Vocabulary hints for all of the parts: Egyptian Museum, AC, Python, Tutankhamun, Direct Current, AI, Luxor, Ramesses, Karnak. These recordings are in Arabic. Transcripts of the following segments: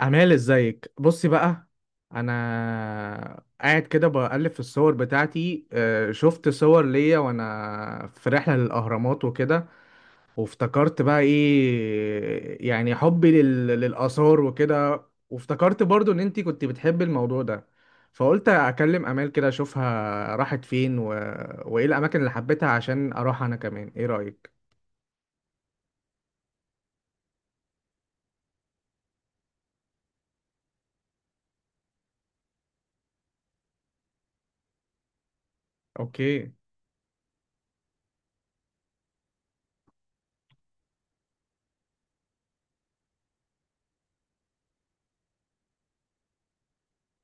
أمال، ازيك؟ بصي بقى. انا قاعد كده بقلب في الصور بتاعتي، شفت صور ليا وانا في رحلة للأهرامات وكده. وافتكرت بقى ايه يعني حبي للآثار وكده. وافتكرت برضو ان انتي كنت بتحبي الموضوع ده. فقلت اكلم امال كده اشوفها راحت فين وايه الاماكن اللي حبيتها عشان اروح انا كمان؟ ايه رأيك؟ اوكي.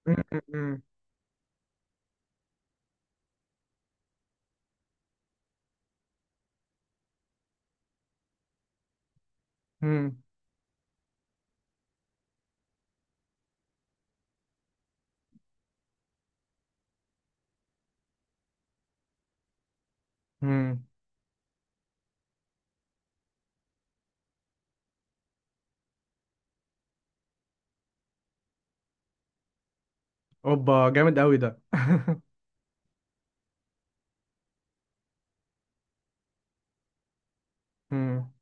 م- م- م- م- م. اوبا، جامد قوي ده مم.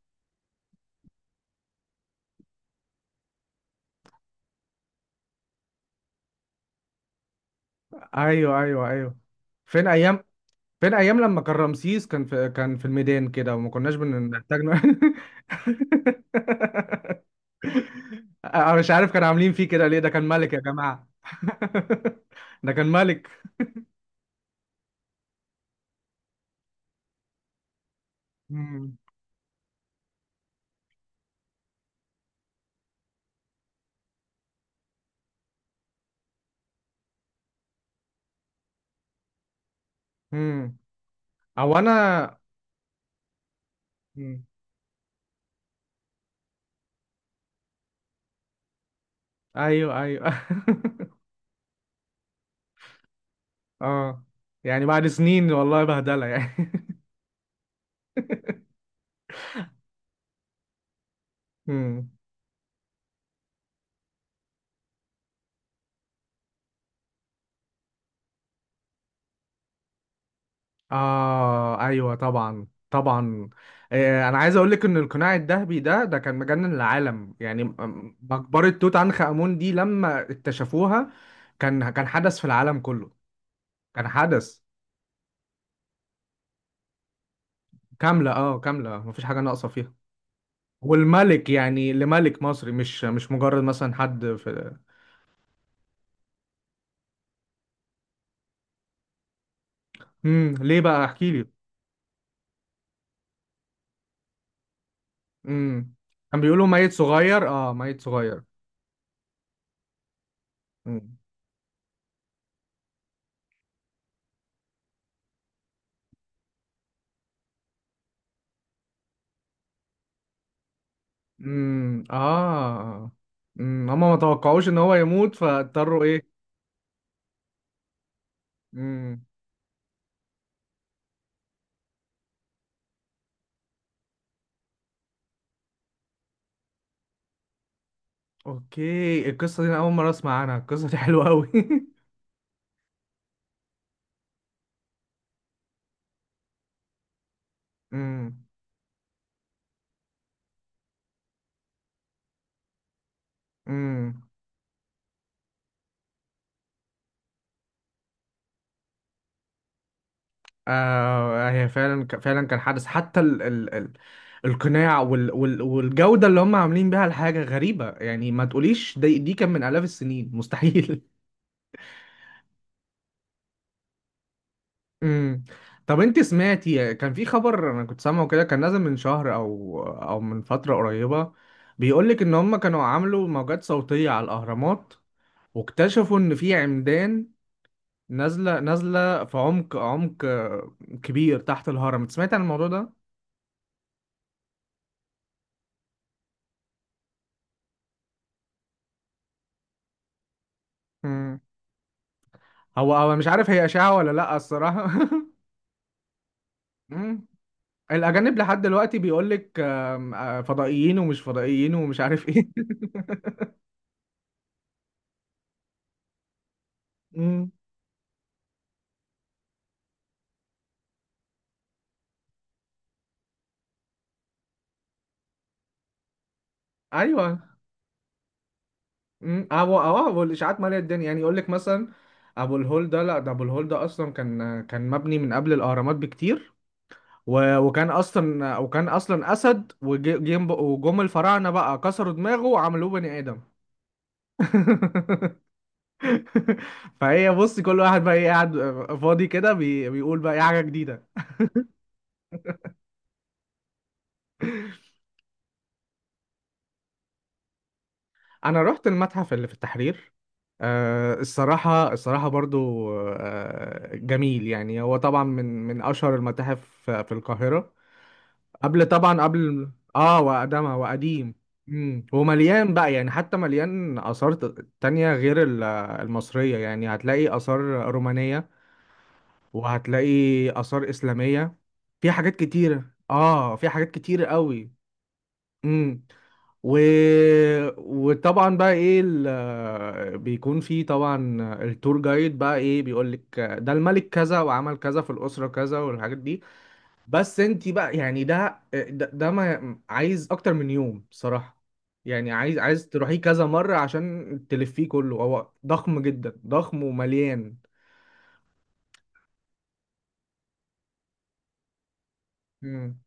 ايوه، ايوه، ايوه. فين ايام، فين ايام لما كان رمسيس كان في الميدان كده وما كناش بنحتاج انا مش عارف كانوا عاملين فيه كده ليه، ده كان ملك يا جماعة ده كان ملك. مم. مم. او انا. مم. ايوه ايوه اه، يعني بعد سنين والله بهدلة يعني مم. آه، أيوه، طبعا طبعا. آه، أنا عايز أقول لك إن القناع الذهبي ده، كان مجنن العالم يعني، مقبرة توت عنخ آمون دي لما اكتشفوها كان حدث في العالم كله. كان حدث. كاملة، أه كاملة، مفيش حاجة ناقصة فيها. والملك يعني، لملك مصري مش مجرد مثلا حد في... مم. ليه بقى؟ احكي لي. مم. كان بيقولوا ميت صغير، أه ميت صغير. امم، اه. امم، هما ما توقعوش ان هو يموت فاضطروا ايه. امم. اوكي، القصه دي انا اول مره اسمع عنها، القصه دي حلوه قوي امم. امم. آه، هي فعلا فعلا كان حدث، حتى ال القناع وال والجوده اللي هم عاملين بيها، الحاجه غريبه يعني ما تقوليش دي كان من الاف السنين، مستحيل. امم. طب انت سمعتي كان في خبر، انا كنت سامعه كده كان نازل من شهر او من فتره قريبه، بيقول لك ان هم كانوا عملوا موجات صوتيه على الاهرامات، واكتشفوا ان في عمدان نازله في عمق كبير تحت الهرم. انت سمعت عن الموضوع ده؟ امم. هو مش عارف هي اشاعه ولا لا، الصراحه امم. الاجانب لحد دلوقتي بيقول لك فضائيين ومش فضائيين ومش عارف ايه امم. ايوه. امم. ابو، اه ابو الاشاعات ماليه الدنيا، يعني يقول لك مثلا ابو الهول ده، لا ده ابو الهول ده اصلا كان مبني من قبل الاهرامات بكتير، وكان اصلا اسد، وجم الفراعنه بقى كسروا دماغه وعملوه بني ادم فهي بص، كل واحد بقى ايه قاعد فاضي كده بيقول بقى ايه حاجه جديده. انا رحت المتحف اللي في التحرير. آه الصراحة، الصراحة برضو آه جميل، يعني هو طبعا من أشهر المتاحف في القاهرة. قبل طبعا قبل، اه وقدمها، وقديم. امم، ومليان بقى يعني، حتى مليان آثار تانية غير المصرية، يعني هتلاقي آثار رومانية، وهتلاقي آثار إسلامية، في حاجات كتيرة، اه في حاجات كتيرة قوي. امم. و... وطبعا بقى ايه بيكون في طبعا التور جايد بقى ايه، بيقول لك ده الملك كذا وعمل كذا في الأسرة كذا والحاجات دي. بس انت بقى يعني ده ما عايز اكتر من يوم صراحة، يعني عايز تروحيه كذا مرة عشان تلفيه كله، هو ضخم جدا، ضخم ومليان. مم.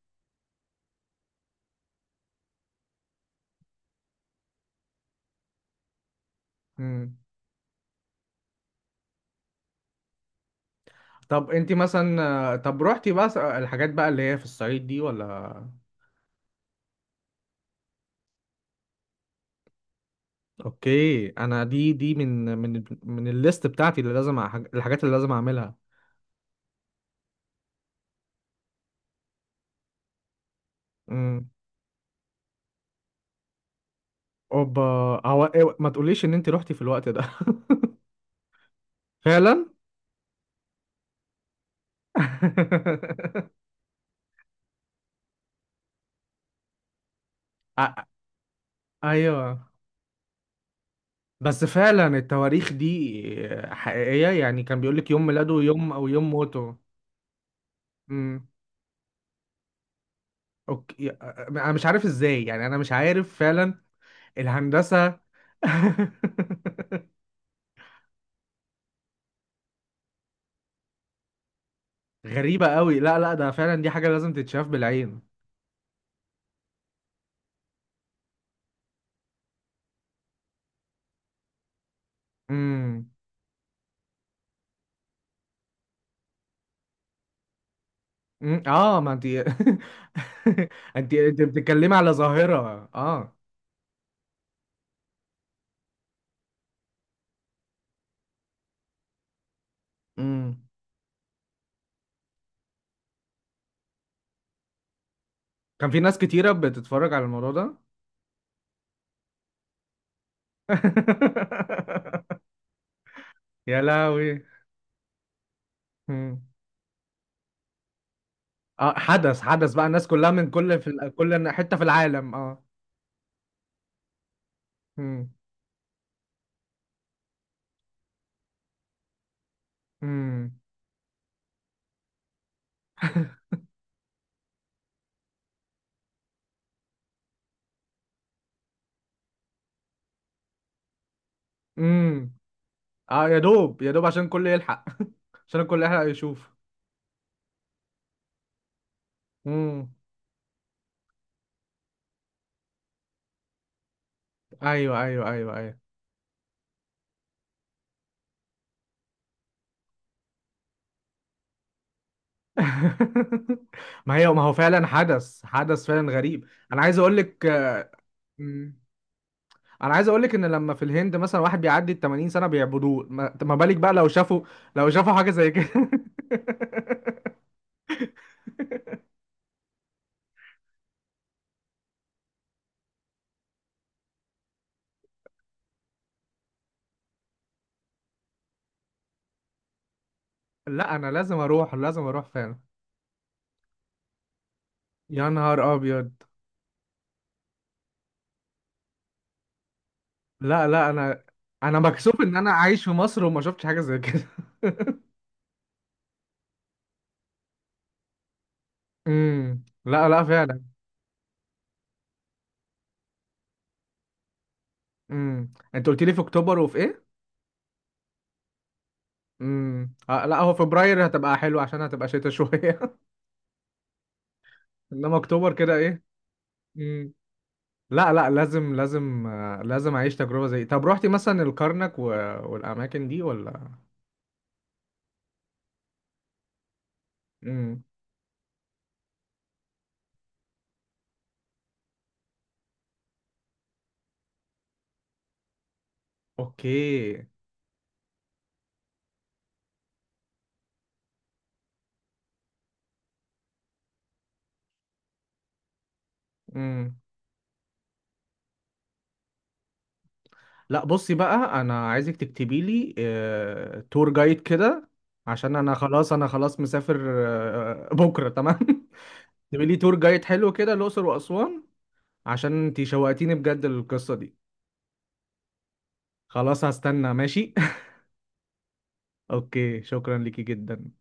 مم. طب انت مثلا، طب روحتي بقى الحاجات بقى اللي هي في الصعيد دي ولا؟ اوكي، انا دي من الليست بتاعتي اللي لازم الحاجات اللي لازم اعملها. امم. اوبا. هو إيه، ما تقوليش ان انت روحتي في الوقت ده؟ فعلا أ- ايوه. بس فعلا التواريخ دي حقيقية، يعني كان بيقولك يوم ميلاده، يوم أو يوم موته. امم. أوكي، أنا مش عارف إزاي، يعني أنا مش عارف فعلا الهندسة غريبة قوي، لا لا ده فعلا، دي حاجة لازم تتشاف بالعين. امم. أمم، اه، ما انت انت بتتكلمي على ظاهرة، اه. امم. كان في ناس كتيرة بتتفرج على الموضوع ده؟ يا لهوي. مم. اه حدث، حدث بقى، الناس كلها من كل، في كل حتة في العالم، اه. امم. امم. امم. اه، يا دوب، يا دوب عشان الكل يلحق عشان الكل يلحق يشوف. امم. ايوه ايوه ايوه ايوه ما هي، ما هو فعلا حدث، حدث فعلا غريب، انا عايز اقول لك. مم. انا عايز اقول لك ان لما في الهند مثلا واحد بيعدي ال 80 سنة بيعبدوه، ما بالك بقى لو شافوا، لو شافوا حاجة زي كده لا انا لازم اروح، لازم اروح فعلا. يا نهار ابيض. لا لا انا، انا مكسوف ان انا عايش في مصر وما شفتش حاجه زي كده امم. لا لا فعلا. امم. انت قلت لي في اكتوبر وفي ايه؟ امم. آه، لا هو فبراير هتبقى حلو عشان هتبقى شتاء شويه انما اكتوبر كده ايه. امم. لا لا لازم، لازم اعيش تجربه زي. طب روحتي مثلا الكرنك والاماكن دي ولا؟ امم. اوكي. امم. لا بصي بقى، انا عايزك تكتبي لي، تور جايد كده، عشان انا خلاص، انا خلاص مسافر، بكره تمام تبقي لي تور جايد حلو كده، الاقصر واسوان، عشان انتي شوقتيني بجد للقصه دي. خلاص هستنى، ماشي اوكي، شكرا ليكي جدا.